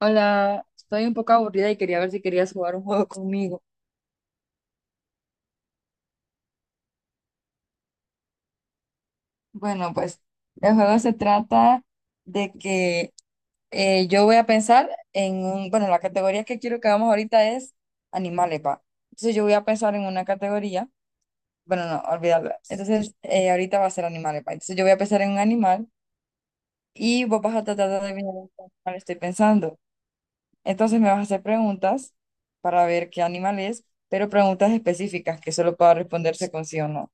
Hola, estoy un poco aburrida y quería ver si querías jugar un juego conmigo. Bueno, pues el juego se trata de que yo voy a pensar en un, bueno, la categoría que quiero que hagamos ahorita es animales, pa. Entonces yo voy a pensar en una categoría, bueno, no, olvídalo. Entonces ahorita va a ser animales, pa. Entonces yo voy a pensar en un animal y vos vas a tratar de adivinar en qué animal estoy pensando. Entonces me vas a hacer preguntas para ver qué animal es, pero preguntas específicas que solo pueda responderse con sí o no.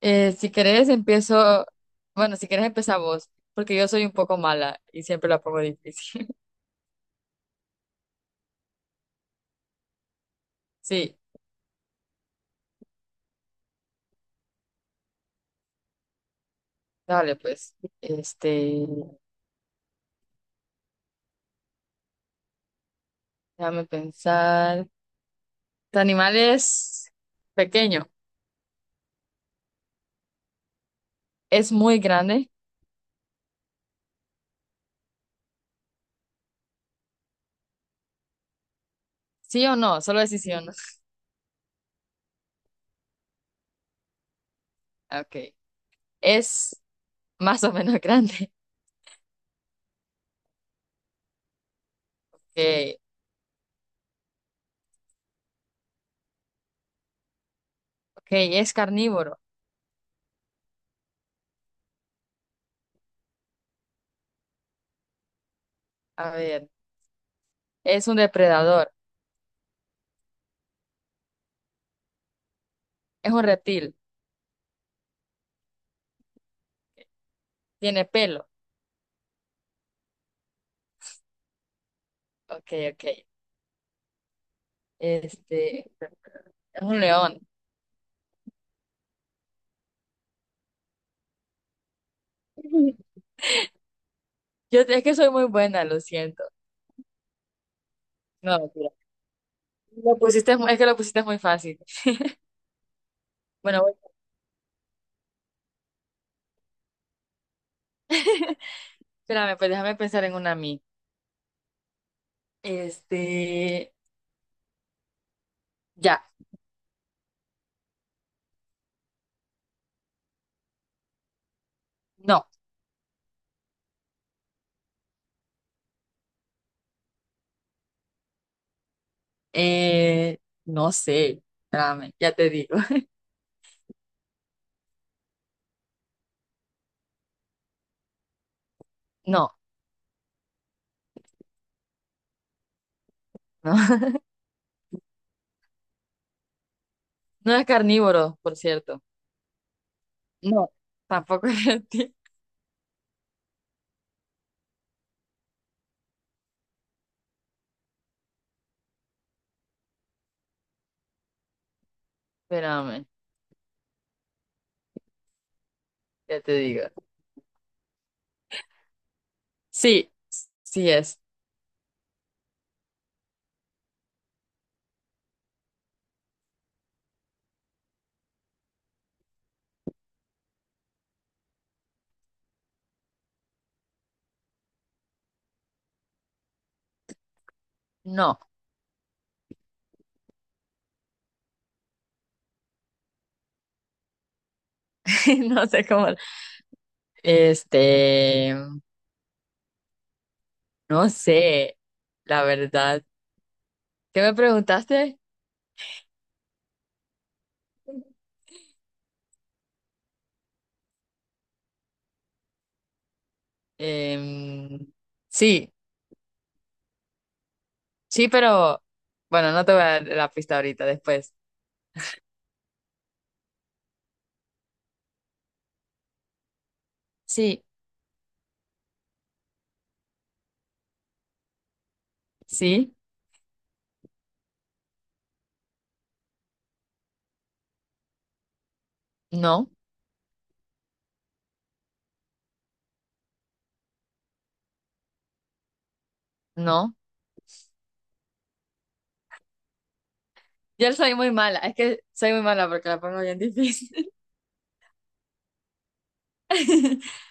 Si querés, empiezo. Bueno, si querés, empezar vos, porque yo soy un poco mala y siempre la pongo difícil. Sí, dale, pues. Este, déjame pensar. ¿Tu animal es pequeño? ¿Es muy grande? ¿Sí o no? Solo decís sí o no. Ok. ¿Es más o menos grande? Ok. Ok, ¿es carnívoro? A ver. ¿Es un depredador? ¿Es un reptil? ¿Tiene pelo? Ok, ok. Este, es un león. Yo es que soy muy buena, lo siento. No, mentira. Lo pusiste, es que lo pusiste muy fácil. Bueno, voy- espérame, pues déjame pensar en una a mí. Este, ya, no. Eh, no sé. Espérame, ya te digo. No, no. No es carnívoro, por cierto. No, tampoco es reptil. Espérame, ya te digo. Sí, sí es. No, no sé cómo. Este, no sé, la verdad. ¿Qué me preguntaste? Em, sí, sí, pero bueno, no te voy a dar la pista ahorita, después. Sí, sí, no, no. Yo soy muy mala, es que soy muy mala porque la pongo bien difícil.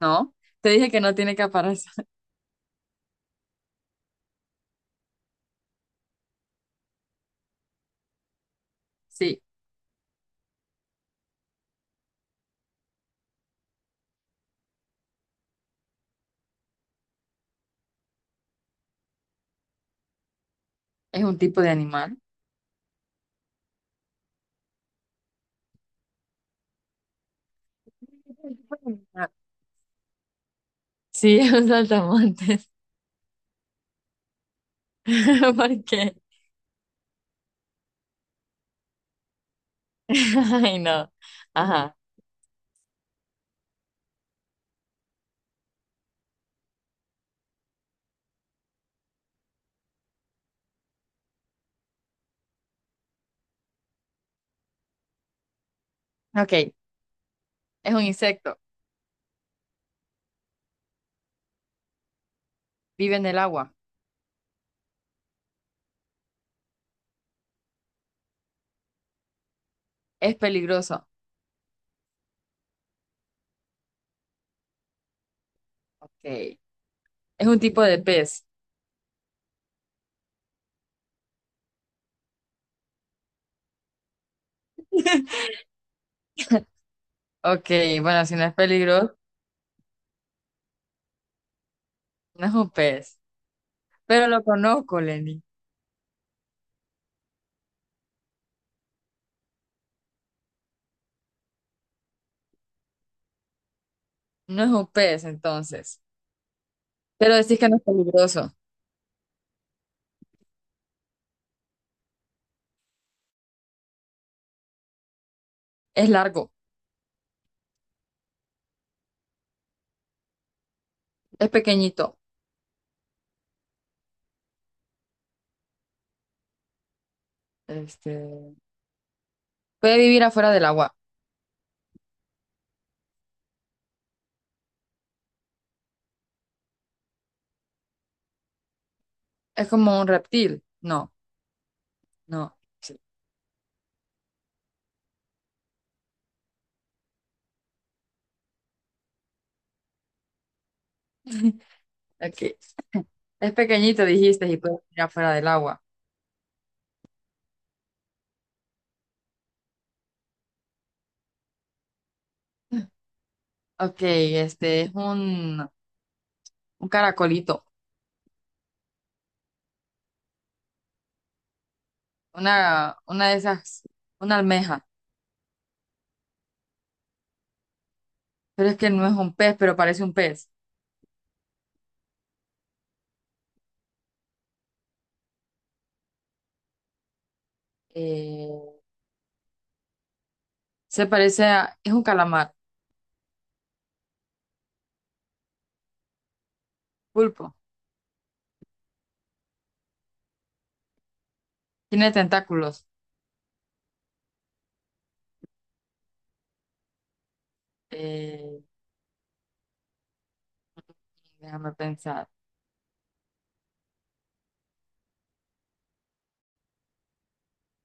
No, te dije que no tiene caparazón. Sí, es un tipo de animal. Es un tipo de animal. Sí, es un saltamontes. ¿Por qué? Ay, no. Ajá. Ok, es un insecto, vive en el agua, es peligroso. Ok, es un tipo de pez. Ok, bueno, si no es peligroso, no es un pez. Pero lo conozco, Lenny. No es un pez, entonces. Pero decís que no es peligroso. Es largo, es pequeñito. Este, puede vivir afuera del agua. Es como un reptil. No, no. Sí. Ok. Es pequeñito, dijiste, y puede vivir afuera del agua. Ok, este es un caracolito. Una de esas, una almeja. Pero es que no es un pez, pero parece un pez. Eh, se parece a, es un calamar. Pulpo. Tiene tentáculos. Eh, déjame pensar.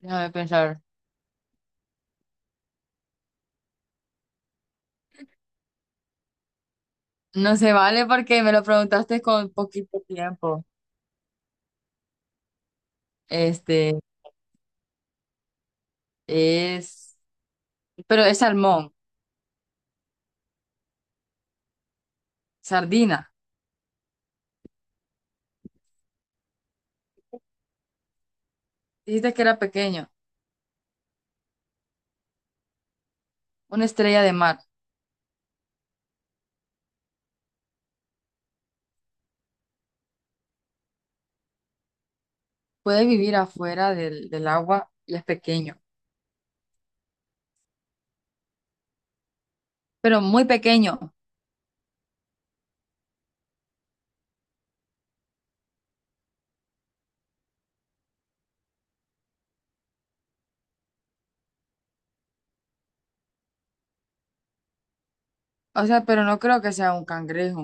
Déjame pensar. No se vale porque me lo preguntaste con poquito tiempo. Este es. Pero es salmón. Sardina. Dijiste que era pequeño. Una estrella de mar. Puede vivir afuera del agua y es pequeño. Pero muy pequeño. O sea, pero no creo que sea un cangrejo.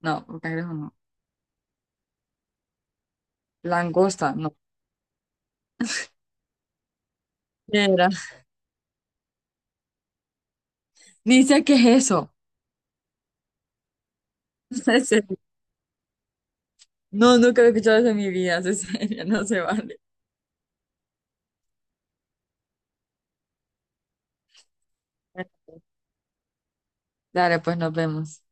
No, un cangrejo no. Langosta, no. ¿Qué era? Dice que es eso. No sé. No, nunca lo he escuchado eso en mi vida, Cecilia, no se vale. Dale, pues nos vemos.